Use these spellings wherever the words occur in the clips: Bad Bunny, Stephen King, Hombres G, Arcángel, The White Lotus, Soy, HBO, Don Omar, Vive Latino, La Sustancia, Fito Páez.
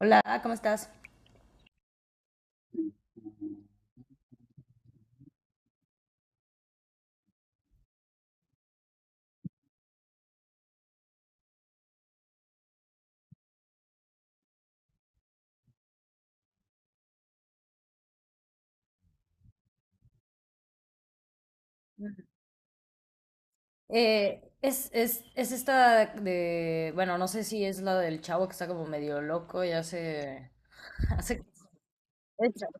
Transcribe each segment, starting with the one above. Hola, ¿cómo estás? Es esta de, bueno, no sé si es la del chavo que está como medio loco y hace... El chavo,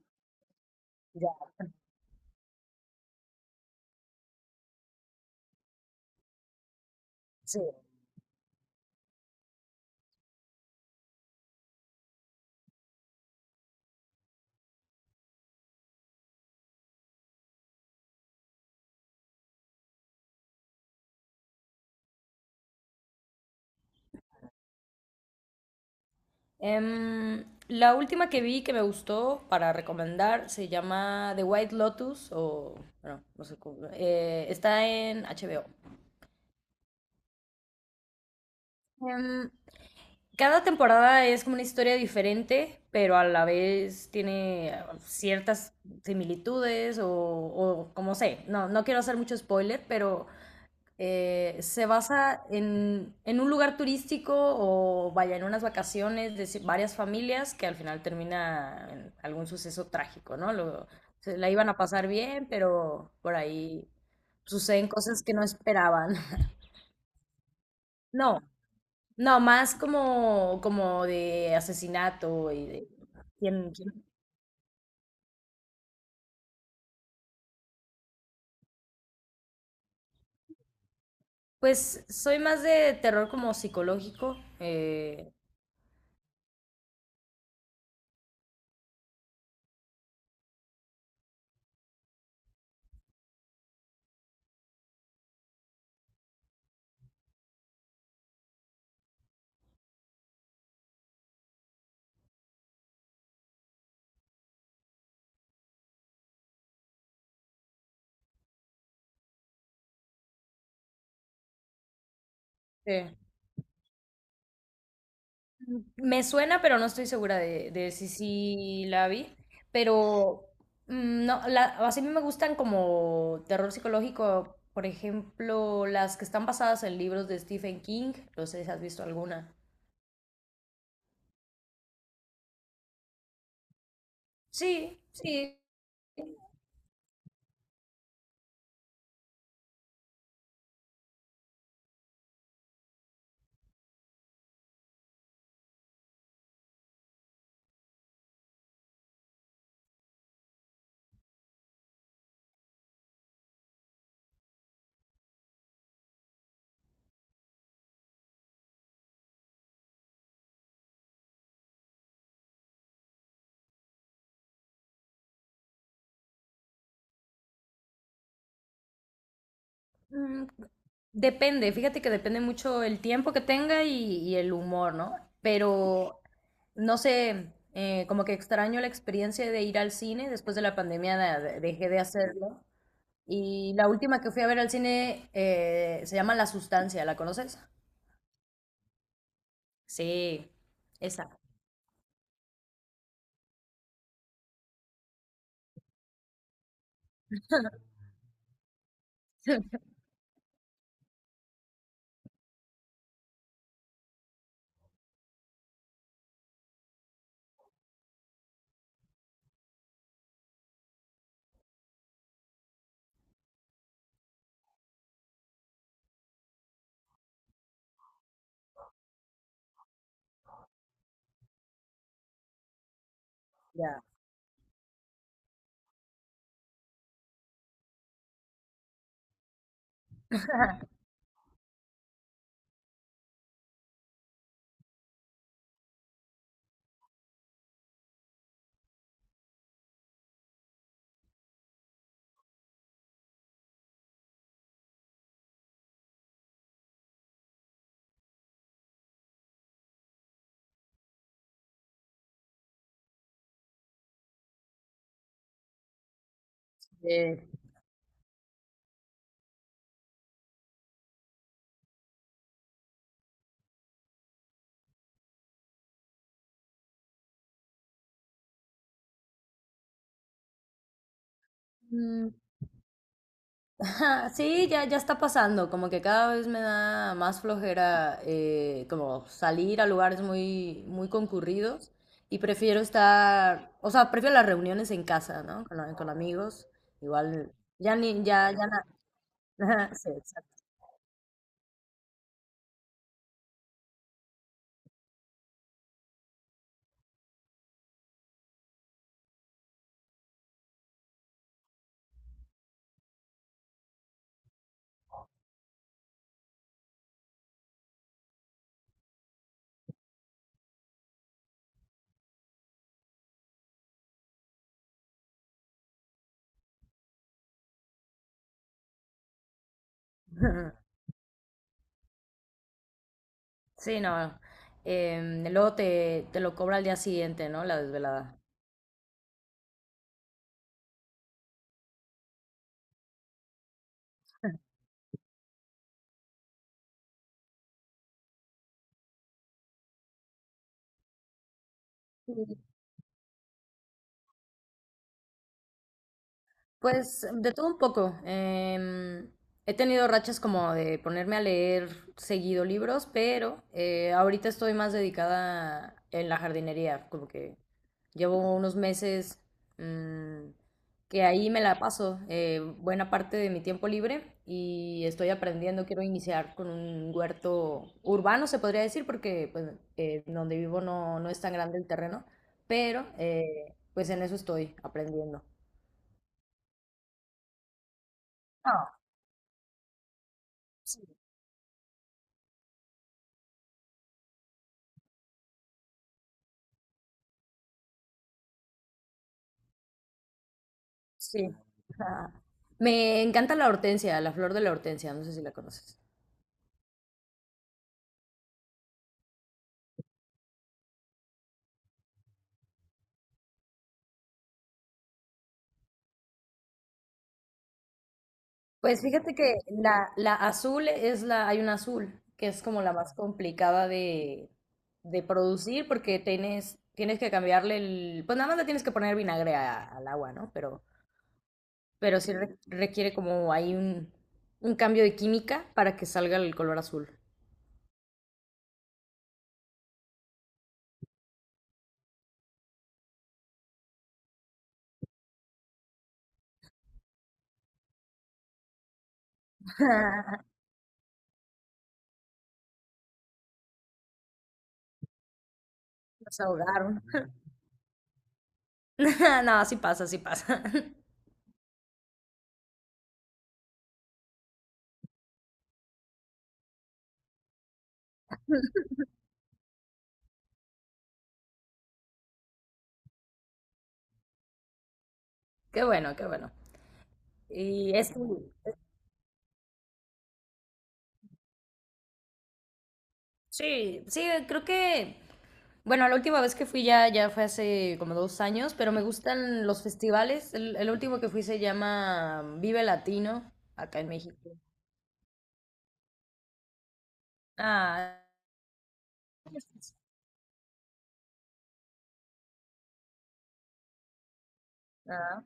ya, sí. La última que vi que me gustó para recomendar se llama The White Lotus o, bueno, no sé cómo, está en HBO. Em, Cada temporada es como una historia diferente, pero a la vez tiene ciertas similitudes o como sé. No, no quiero hacer mucho spoiler, pero se basa en un lugar turístico o vaya en unas vacaciones de varias familias que al final termina en algún suceso trágico, ¿no? Se la iban a pasar bien, pero por ahí suceden cosas que no esperaban. No, no, más como, como de asesinato y de... ¿Quién? Pues soy más de terror como psicológico. Sí, me suena, pero no estoy segura de si sí la vi. Pero no, la, así me gustan como terror psicológico, por ejemplo, las que están basadas en libros de Stephen King. No sé si has visto alguna. Sí, sí. Mm, Depende, fíjate que depende mucho el tiempo que tenga y el humor, ¿no? Pero no sé, como que extraño la experiencia de ir al cine. Después de la pandemia dejé de hacerlo. Y la última que fui a ver al cine se llama La Sustancia, ¿la conoces? Sí, esa. Ya. Eh, mm, ajá, sí, ya, ya está pasando, como que cada vez me da más flojera como salir a lugares muy, muy concurridos y prefiero estar, o sea, prefiero las reuniones en casa, ¿no? Con, con amigos, igual, ya ni, ya, ya na- Sí, exacto. Sí, no. Luego te, te lo cobra al día siguiente, ¿no? La desvelada. Pues de todo un poco. He tenido rachas como de ponerme a leer seguido libros, pero ahorita estoy más dedicada en la jardinería, como que llevo unos meses, mm, que ahí me la paso buena parte de mi tiempo libre y estoy aprendiendo, quiero iniciar con un huerto urbano, se podría decir, porque pues, donde vivo no, no es tan grande el terreno, pero pues en eso estoy aprendiendo. Ah, sí. Ajá. Me encanta la hortensia, la flor de la hortensia, no sé si la conoces. Pues fíjate que la azul es la, hay una azul, que es como la más complicada de producir porque tienes, tienes que cambiarle el, pues nada más le tienes que poner vinagre al agua, ¿no? Pero sí requiere como hay un cambio de química para que salga el color azul. Nos ahogaron. No, así pasa, así pasa. Qué bueno, qué bueno. Y es, sí, sí, creo que, bueno, la última vez que fui ya, ya fue hace como dos años, pero me gustan los festivales. El último que fui se llama Vive Latino, acá en México. Ah, ah,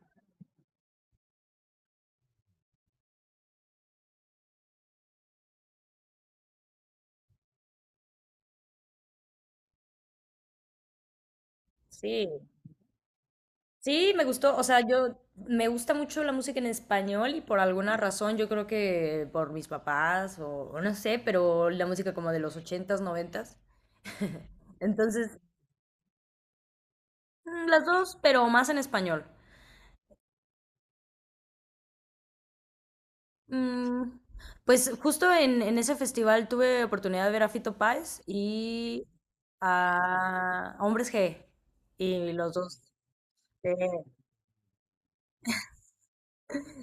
sí. Sí, me gustó, o sea, yo me gusta mucho la música en español y por alguna razón, yo creo que por mis papás o no sé, pero la música como de los ochentas, noventas. Entonces, las dos, pero más en español. Mm, pues justo en ese festival tuve oportunidad de ver a Fito Páez y a Hombres G. Y los dos. eh,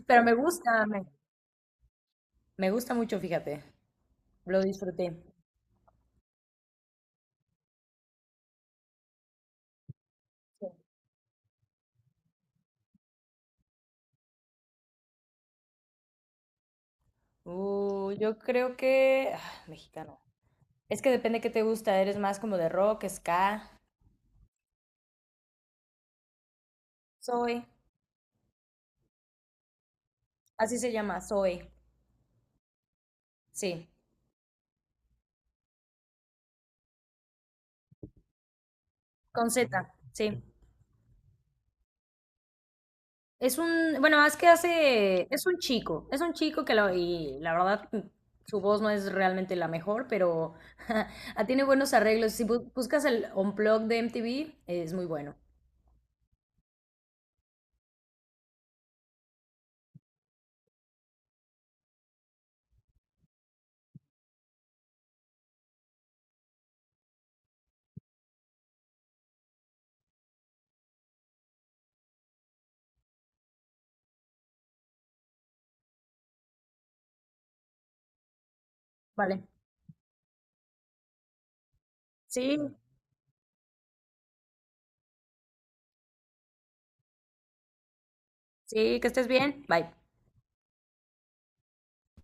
pero me gusta, me gusta mucho, fíjate. Lo disfruté. Yo creo que... ah, mexicano. Es que depende qué te gusta. Eres más como de rock, ska. Soy. Así se llama, Soy. Sí. Con Z. Sí. Es un, bueno, es que hace, es un chico que lo, y la verdad, su voz no es realmente la mejor, pero ah, tiene buenos arreglos. Si buscas el Unplugged de MTV, es muy bueno. Vale. Sí, sí, que estés bien. Bye.